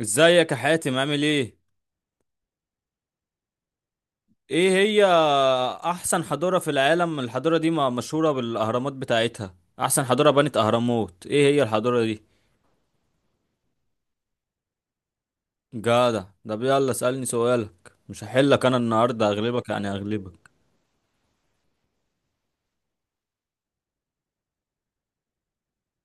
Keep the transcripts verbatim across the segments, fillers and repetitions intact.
ازيك يا حاتم عامل ايه؟ ايه هي احسن حضارة في العالم؟ الحضارة دي ما- مشهورة بالاهرامات بتاعتها، احسن حضارة بنت اهرامات، ايه هي الحضارة دي؟ جدع. طب يلا اسألني سؤالك، مش هحلك انا النهاردة، اغلبك يعني اغلبك.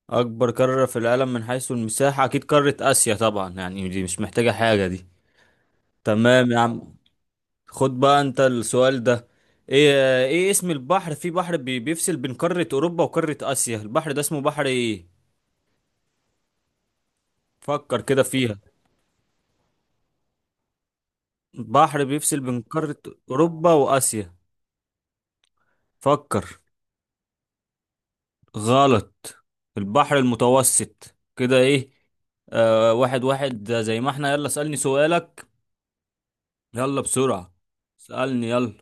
اكبر قارة في العالم من حيث المساحة اكيد قارة اسيا طبعا، يعني دي مش محتاجة حاجة دي. تمام يا عم. خد بقى انت السؤال ده. ايه ايه اسم البحر، في بحر بي- بيفصل بين قارة اوروبا وقارة اسيا، البحر ده اسمه بحر ايه؟ فكر كده فيها. بحر بيفصل بين قارة أوروبا وآسيا. فكر. غلط. البحر المتوسط، كده إيه. آه، واحد واحد، ده زي ما احنا. يلا اسألني سؤالك، يلا بسرعة، اسألني يلا.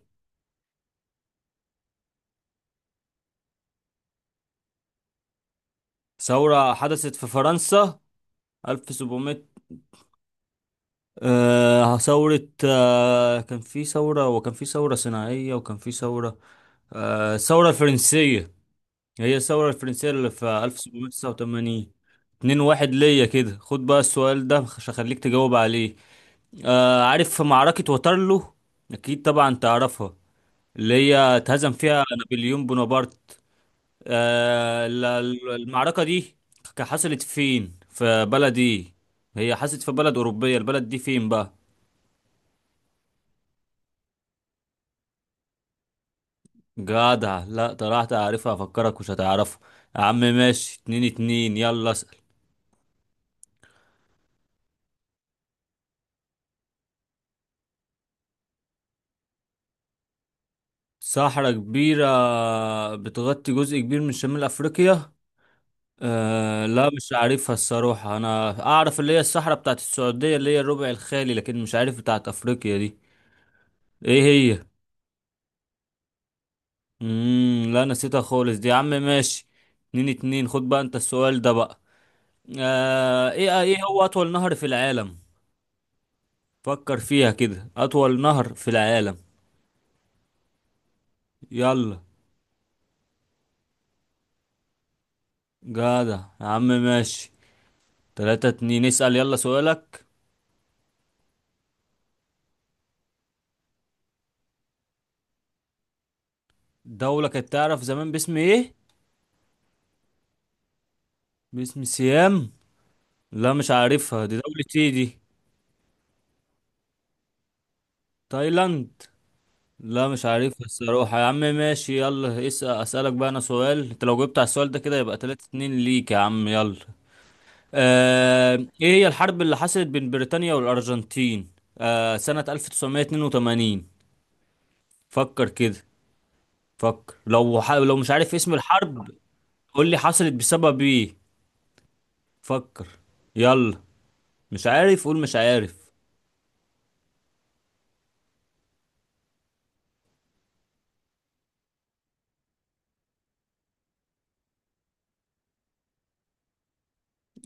ثورة حدثت في فرنسا ألف وسبعمية. آه ثورة، آه كان في ثورة، وكان في ثورة صناعية، وكان في ثورة. آه، الثورة الفرنسية. هي الثورة الفرنسية اللي في ألف وسبعمية تسعة وتمانين. اتنين واحد ليا كده. خد بقى السؤال ده عشان اخليك تجاوب عليه. آه، عارف معركة واترلو؟ اكيد طبعا تعرفها، اللي هي اتهزم فيها نابليون بونابرت. آه ال- ال- المعركة دي ك- حصلت فين، في بلد ايه؟ هي حصلت في بلد أوروبية، البلد دي فين بقى؟ جدع. لا طلعت عارفها، افكرك مش هتعرفها. يا عم ماشي، اتنين اتنين، يلا. صحراء كبيرة بتغطي جزء كبير من شمال أفريقيا. أه لا، مش عارفها الصراحة، أنا أعرف اللي هي الصحراء بتاعت السعودية اللي هي الربع الخالي، لكن مش عارف بتاعت أفريقيا دي. إيه هي؟ مم لا، نسيتها خالص دي، يا عم ماشي. اتنين اتنين. خد بقى أنت السؤال ده بقى. أه إيه إيه هو أطول نهر في العالم؟ فكر فيها كده، أطول نهر في العالم. يلا. جدع يا عم ماشي. تلاتة اتنين، اسأل يلا سؤالك. دولة كانت تعرف زمان باسم ايه؟ باسم سيام؟ لا مش عارفها، دي دولة ايه دي؟ تايلاند؟ لا مش عارفها الصراحة يا عم، ماشي يلا اسأل، اسألك بقى انا سؤال، انت لو جبت على السؤال ده كده يبقى تلاتة اتنين ليك يا عم، يلا. آه... ايه هي الحرب اللي حصلت بين بريطانيا والأرجنتين؟ آه... سنة ألف وتسعمية اتنين وتمانين. فكر كده. فكر، لو ح... لو مش عارف اسم الحرب، قول لي حصلت بسبب ايه؟ فكر. يلا. مش عارف، قول مش عارف.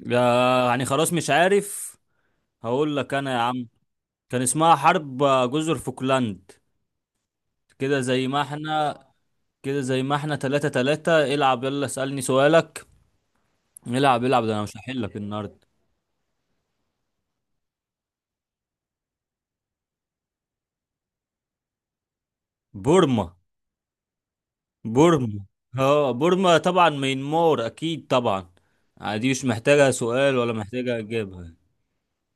يا- يعني خلاص مش عارف. هقول لك انا يا عم، كان اسمها حرب جزر فوكلاند. كده زي ما احنا كده زي ما احنا تلاتة تلاتة. العب يلا اسألني سؤالك، العب العب ده، انا مش هحل لك النهارده. بورما. بورما. اه بورما، طبعا مينمار اكيد طبعا. آه، دي مش محتاجة سؤال ولا محتاجة اجابة.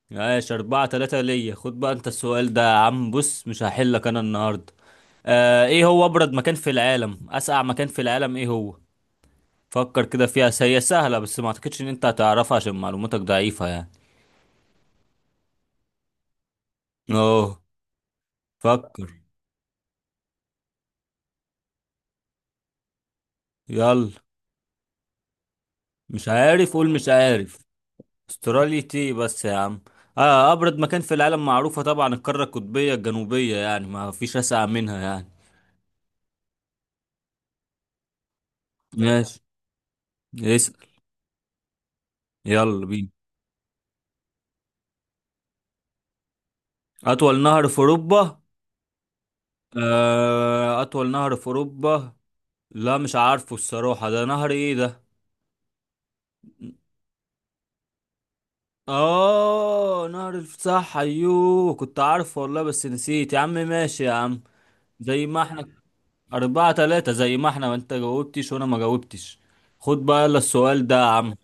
ماشي، اربعة تلاتة ليا. خد بقى انت السؤال ده يا عم، بص مش هحل لك انا النهارده. آه، ايه هو ابرد مكان في العالم، اسقع مكان في العالم، ايه هو؟ فكر كده فيها، س- هي سهلة، بس ما اعتقدش ان انت هتعرفها عشان معلوماتك ضعيفة يعني. اوه. فكر. يلا. مش عارف، قول مش عارف. استراليا تي، بس يا عم. آه أبرد مكان في العالم معروفة طبعا، القارة القطبية الجنوبية، يعني ما فيش أسقع منها يعني. ماشي، اسأل يلا بينا. أطول نهر في أوروبا. آه أطول نهر في أوروبا. لا مش عارفه الصراحة، ده نهر إيه ده؟ اه نهر الفتح، ايوه كنت عارفه والله بس نسيت يا عم، ماشي يا عم. زي ما احنا اربعة تلاتة، زي ما احنا، وانت جاوبتش وانا ما جاوبتش. خد بقى يلا السؤال ده يا عم.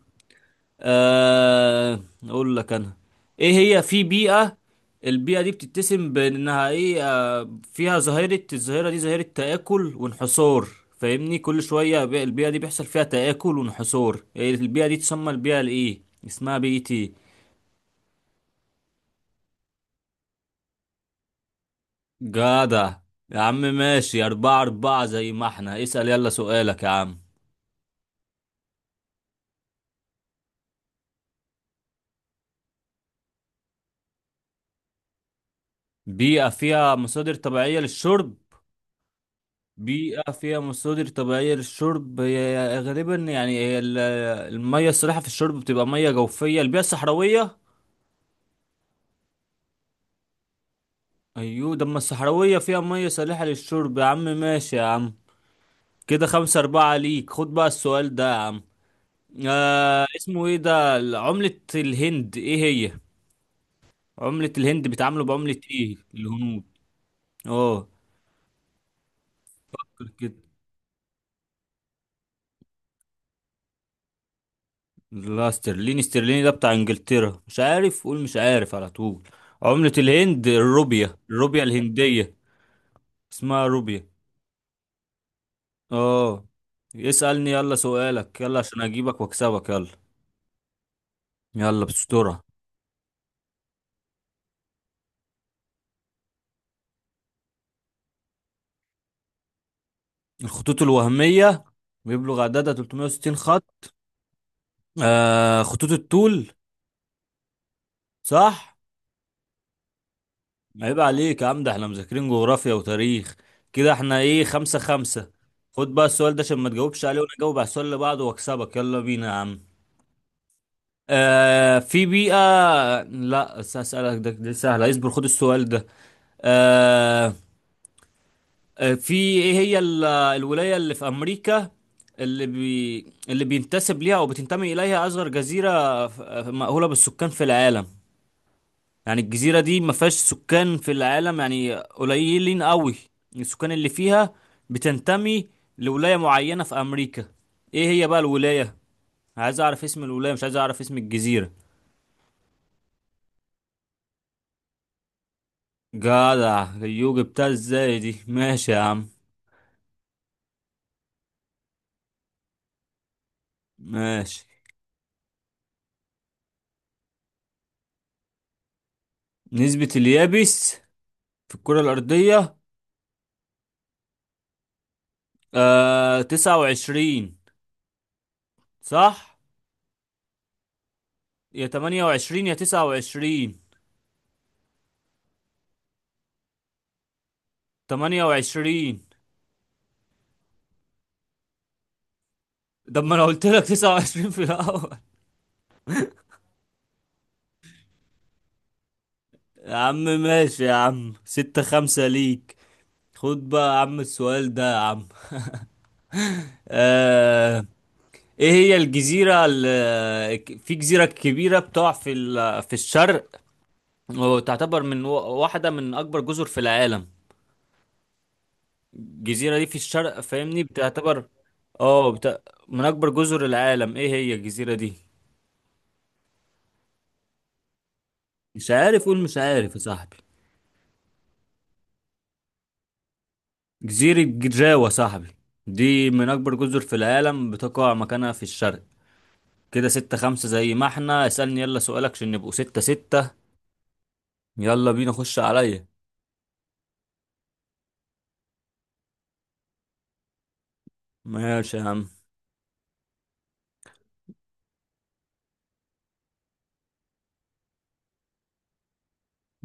آه اقول لك انا، ايه هي، في بيئة، البيئة دي بتتسم بانها ايه، آه فيها ظاهرة، الظاهرة دي ظاهرة تآكل وانحصار. فاهمني، كل شوية، بي- البيئة دي بيحصل فيها تآكل وانحصار، إيه البيئة دي تسمى، البيئة الايه، اسمها بيئة ايه؟ جدع يا عم ماشي، أربعة أربعة زي ما احنا. اسأل يلا سؤالك يا عم. بيئة فيها مصادر طبيعية للشرب. بيئة فيها مصادر طبيعية للشرب، هي غالبا يعني هي ال- المية الصالحة في الشرب بتبقى مية جوفية، البيئة الصحراوية. أيوة ده، أما الصحراوية فيها مية صالحة للشرب. يا عم ماشي يا عم، كده خمسة أربعة ليك. خد بقى السؤال ده يا عم. آه، اسمه ايه ده، عملة الهند ايه هي، عملة الهند بيتعاملوا بعملة ايه الهنود؟ اه كده. لا استرليني، استرليني ده بتاع انجلترا، مش عارف قول مش عارف على طول. عملة الهند الروبيا، الروبيا الهندية، اسمها روبيا. اه اسألني يلا سؤالك يلا عشان اجيبك واكسبك، يلا يلا بسترة. الخطوط الوهمية بيبلغ عددها تلتمية وستين خط. آه خطوط الطول، صح. عيب عليك يا عم، ده احنا مذاكرين جغرافيا وتاريخ. كده احنا ايه، خمسة خمسة. خد بقى السؤال ده عشان ما تجاوبش عليه، وانا اجاوب على السؤال اللي بعده واكسبك، يلا بينا يا عم. آه في بيئة، لا بس هسألك ده، دي سهلة اصبر، خد السؤال ده. آه آه، في، ايه هي ال- الولاية اللي في أمريكا، اللي بي اللي بينتسب ليها أو بتنتمي إليها أصغر جزيرة ف- مأهولة بالسكان في العالم. يعني الجزيرة دي ما فيهاش سكان في العالم يعني، قليلين قوي السكان اللي فيها، بتنتمي لولاية معينة في أمريكا، ايه هي بقى الولاية؟ عايز أعرف اسم الولاية، مش عايز أعرف اسم الجزيرة. جدع، اليوجي بتاع ازاي دي، ماشي يا عم. ماشي، نسبة اليابس في الكرة الأرضية. آه تسعة وعشرين، صح. يا تمانية وعشرين يا تسعة وعشرين. تمانية وعشرين. طب ما أنا قلت لك تسعة وعشرين في الأول يا عم ماشي يا عم، ستة خمسة ليك. خد بقى يا عم السؤال ده يا عم. آه، إيه هي الجزيرة ال- في جزيرة كبيرة بتقع في ال- في الشرق، وتعتبر من و- واحدة من أكبر جزر في العالم. الجزيرة دي في الشرق، فاهمني، بتعتبر اه بت... من أكبر جزر العالم، ايه هي الجزيرة دي؟ مش عارف، قول مش عارف يا صاحبي. جزيرة جزاوة يا صاحبي، دي من أكبر جزر في العالم بتقع مكانها في الشرق. كده ستة خمسة زي ما احنا، اسألني يلا سؤالك عشان نبقوا ستة ستة، يلا بينا خش عليا. ماشي يا عم،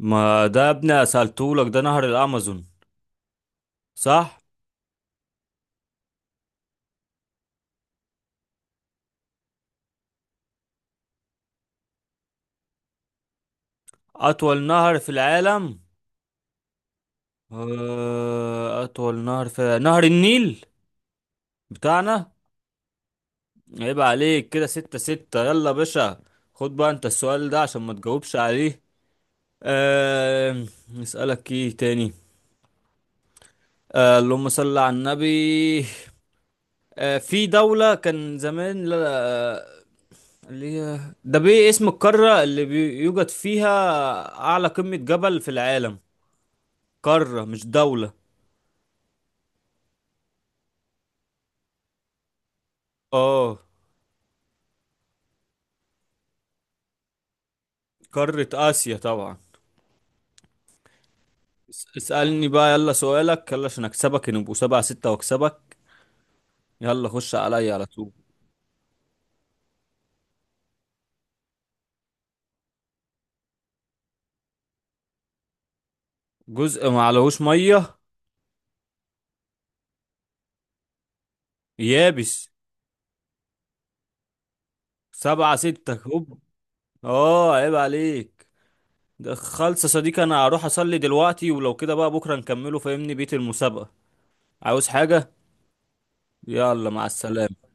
ما ده يا ابني سألتهولك، ده نهر الأمازون، صح؟ أطول نهر في العالم. آه، أطول نهر في نهر النيل بتاعنا. عيب عليك، كده ستة ستة، يلا يا باشا. خد بقى أنت السؤال ده عشان ما تجاوبش عليه. أه... نسألك إيه تاني. أه... اللهم صل على النبي. أه... في دولة كان زمان، لا لا، آه، اللي هي ده، بإيه اسم القارة اللي بيوجد فيها أعلى قمة جبل في العالم؟ قارة مش دولة. اه قارة آسيا طبعا. اس- اسألني بقى يلا سؤالك يلا عشان اكسبك نبقوا سبعة ستة واكسبك، يلا خش عليا على طول. جزء ما عليهوش مية، يابس. سبعة ستة، هوب. اه عيب عليك ده خالص يا صديقي، انا هروح اصلي دلوقتي، ولو كده بقى بكرة نكمله فاهمني، بيت المسابقة. عاوز حاجة؟ يلا مع السلامة.